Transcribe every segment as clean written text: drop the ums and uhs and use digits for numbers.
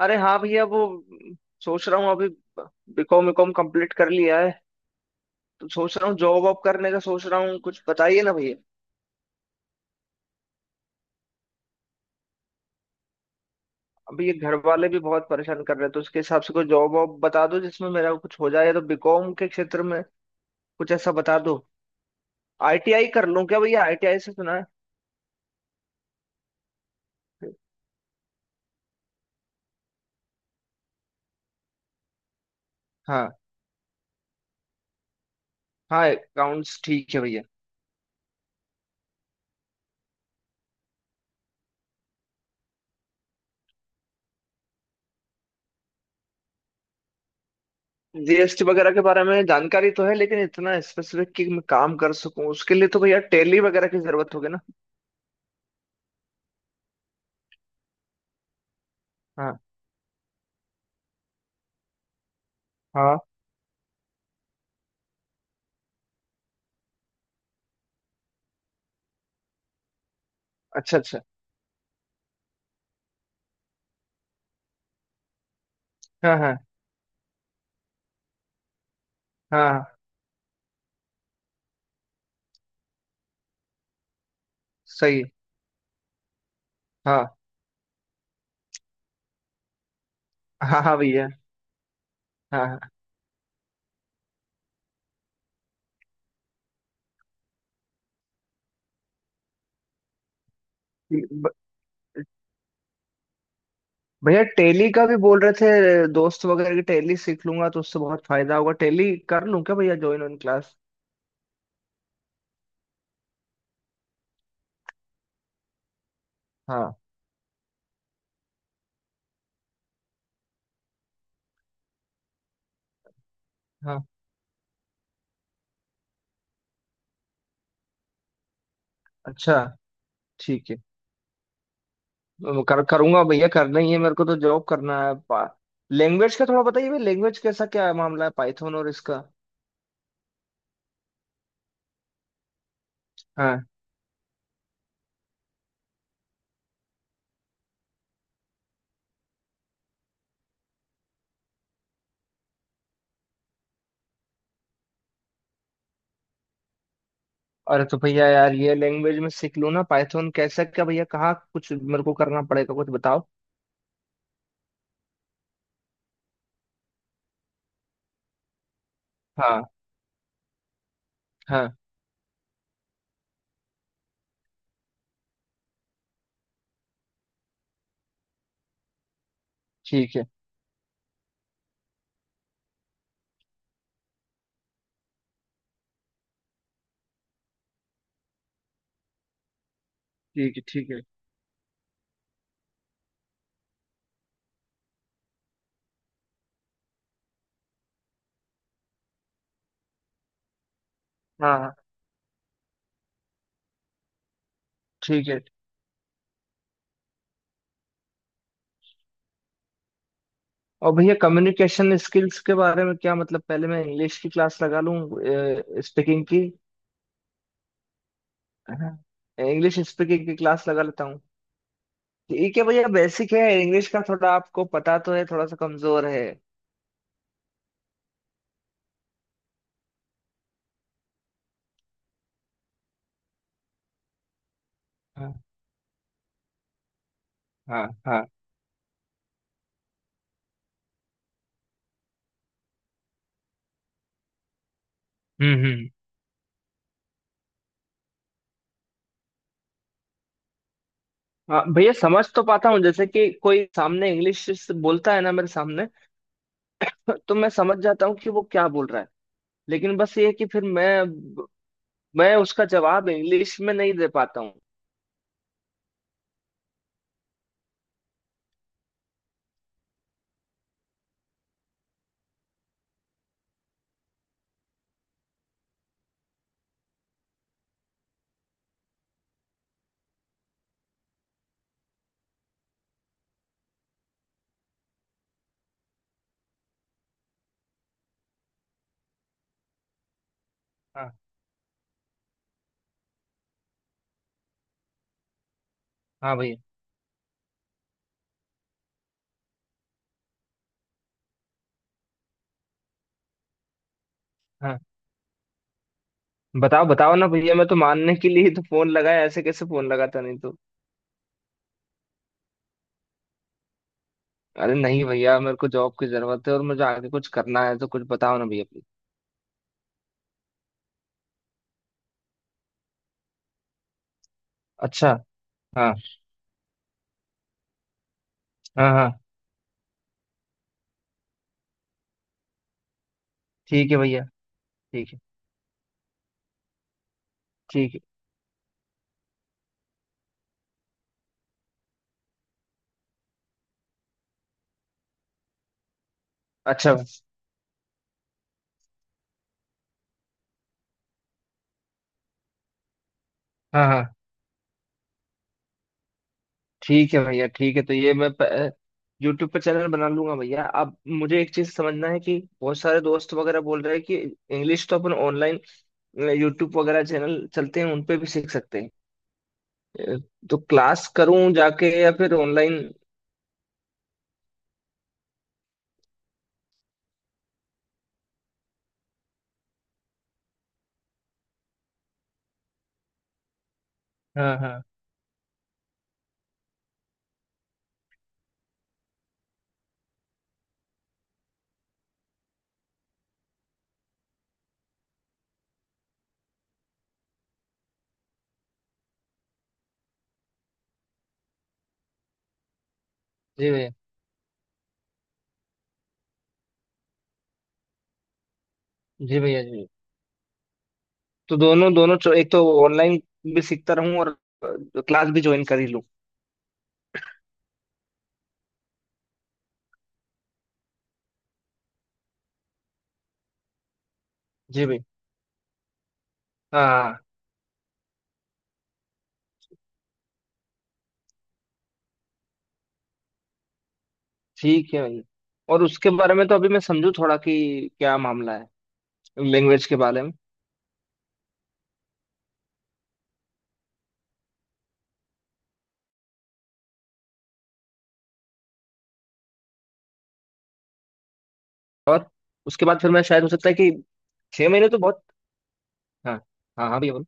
अरे हाँ भैया, वो सोच रहा हूँ अभी। बीकॉम बीकॉम कंप्लीट कर लिया है। तो सोच रहा हूँ जॉब वॉब करने का सोच रहा हूँ, कुछ बताइए ना भैया। अभी ये घर वाले भी बहुत परेशान कर रहे हैं, तो उसके हिसाब से कोई जॉब वॉब बता दो जिसमें मेरा कुछ हो जाए, या तो बीकॉम के क्षेत्र में कुछ ऐसा बता दो। आईटीआई कर लूँ क्या भैया? आईटीआई से सुना है। हाँ। हाँ, अकाउंट्स ठीक है भैया। जीएसटी वगैरह के बारे में जानकारी तो है, लेकिन इतना स्पेसिफिक कि मैं काम कर सकूं उसके लिए तो भैया टैली वगैरह की जरूरत होगी ना। हाँ हाँ। अच्छा अच्छा। हाँ हाँ हाँ। सही है। हाँ हाँ हाँ भैया। हाँ हाँ। ब- भैया टैली का भी बोल रहे थे दोस्त वगैरह की। टैली सीख लूंगा तो उससे बहुत फायदा होगा। टैली कर लूं क्या भैया, ज्वाइन ऑन क्लास? हाँ हाँ। अच्छा। ठीक है। कर करूंगा भैया, करना ही है मेरे को, तो जॉब करना है। लैंग्वेज का थोड़ा बताइए भैया। लैंग्वेज कैसा क्या मामला है, पाइथन और इसका? हाँ। अरे तो भैया यार, ये लैंग्वेज में सीख लूं ना पाइथन? कैसा क्या भैया, कहाँ कुछ मेरे को करना पड़ेगा, कुछ बताओ। हाँ हाँ। ठीक है ठीक है ठीक है। हाँ हाँ, ठीक है। और भैया, कम्युनिकेशन स्किल्स के बारे में क्या मतलब, पहले मैं इंग्लिश की क्लास लगा लूं स्पीकिंग की? है ना? इंग्लिश स्पीकिंग की क्लास लगा लेता हूँ। ठीक है भैया, बेसिक है इंग्लिश का, थोड़ा आपको पता तो है, थोड़ा सा कमजोर है। हाँ हाँ हाँ। हम्म। हाँ भैया, समझ तो पाता हूँ। जैसे कि कोई सामने इंग्लिश से बोलता है ना मेरे सामने, तो मैं समझ जाता हूँ कि वो क्या बोल रहा है। लेकिन बस ये है कि फिर मैं उसका जवाब इंग्लिश में नहीं दे पाता हूँ। हाँ हाँ भैया। बताओ बताओ ना भैया, मैं तो मानने के लिए ही तो फोन लगाया, ऐसे कैसे फोन लगाता नहीं तो। अरे नहीं भैया, मेरे को जॉब की जरूरत है और मुझे आगे कुछ करना है, तो कुछ बताओ ना भैया, प्लीज। अच्छा। हाँ। हाँ हाँ। ठीक है भैया। ठीक है ठीक है। अच्छा। हाँ हाँ। ठीक है भैया, ठीक है। तो ये मैं यूट्यूब पर चैनल बना लूंगा भैया। अब मुझे एक चीज समझना है कि बहुत सारे दोस्त वगैरह बोल रहे हैं कि इंग्लिश तो अपन ऑनलाइन, यूट्यूब वगैरह चैनल चलते हैं उन पे भी सीख सकते हैं। अ, तो क्लास करूं जाके या फिर ऑनलाइन? हाँ हाँ। जी भैया। जी भैया जी। तो दोनों दोनों एक तो ऑनलाइन भी सीखता रहूं, और क्लास भी ज्वाइन कर ही लूं। जी भैया। हाँ। ठीक है भैया। और उसके बारे में तो अभी मैं समझू थोड़ा कि क्या मामला है। लैंग्वेज के बारे में। और उसके बाद फिर मैं शायद, हो सकता है कि 6 महीने तो बहुत। हाँ। हाँ हाँ भैया, बोलो।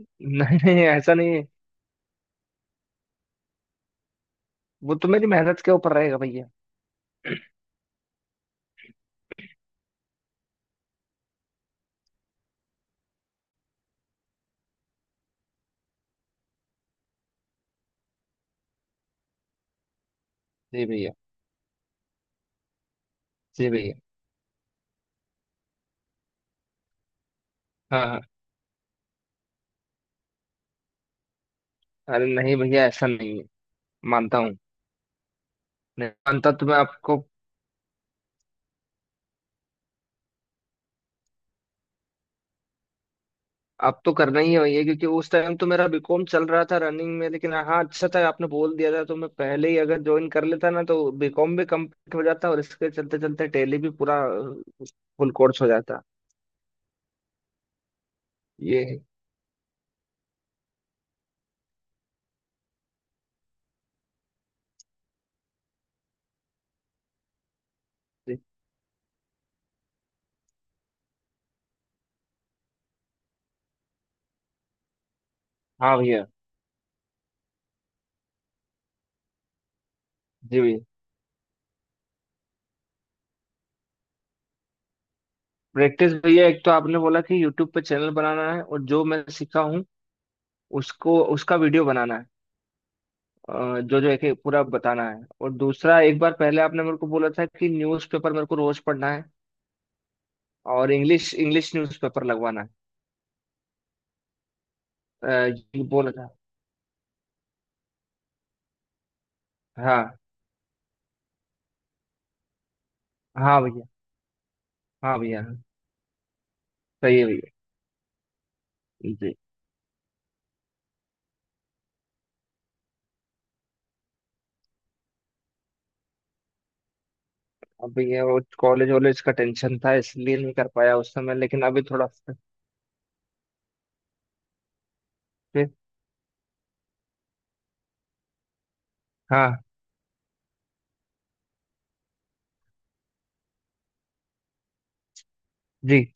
नहीं नहीं, ऐसा नहीं है। वो तो मेरी मेहनत के ऊपर रहेगा भैया। जी भैया। जी भैया। हाँ हाँ। अरे नहीं भैया, ऐसा नहीं है, मानता हूँ। नहीं मानता तो मैं आपको... अब तो करना ही है भैया, क्योंकि उस टाइम तो मेरा बीकॉम चल रहा था, रनिंग में। लेकिन हाँ, अच्छा था आपने बोल दिया था, तो मैं पहले ही अगर ज्वाइन कर लेता ना तो बीकॉम भी कंप्लीट हो जाता, और इसके चलते चलते टेली भी पूरा फुल कोर्स हो जाता। ये है। जी। हाँ भैया। जी भैया। प्रैक्टिस भैया, एक तो आपने बोला कि यूट्यूब पे चैनल बनाना है, और जो मैं सीखा हूँ उसको उसका वीडियो बनाना है। जो जो एक एक पूरा बताना है। और दूसरा, एक बार पहले आपने मेरे को बोला था कि न्यूज़पेपर मेरे को रोज पढ़ना है, और इंग्लिश इंग्लिश न्यूज़पेपर लगवाना है। ये बोला था। हाँ। हाँ भैया। हाँ भैया, हाँ। सही है भैया। जी। अब भैया, वो कॉलेज वॉलेज का टेंशन था, इसलिए नहीं कर पाया उस समय, लेकिन अभी थोड़ा सा- फिर- हाँ। जी।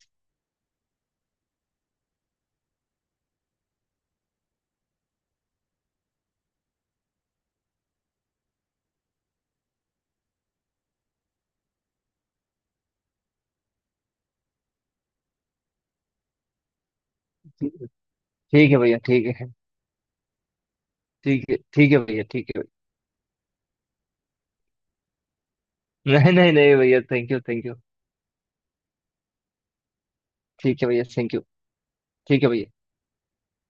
ठीक है। ठीक है भैया। ठीक है ठीक है। ठीक है भैया, ठीक है भैया। नहीं नहीं नहीं भैया, थैंक यू थैंक यू। ठीक है भैया, थैंक यू। ठीक है भैया।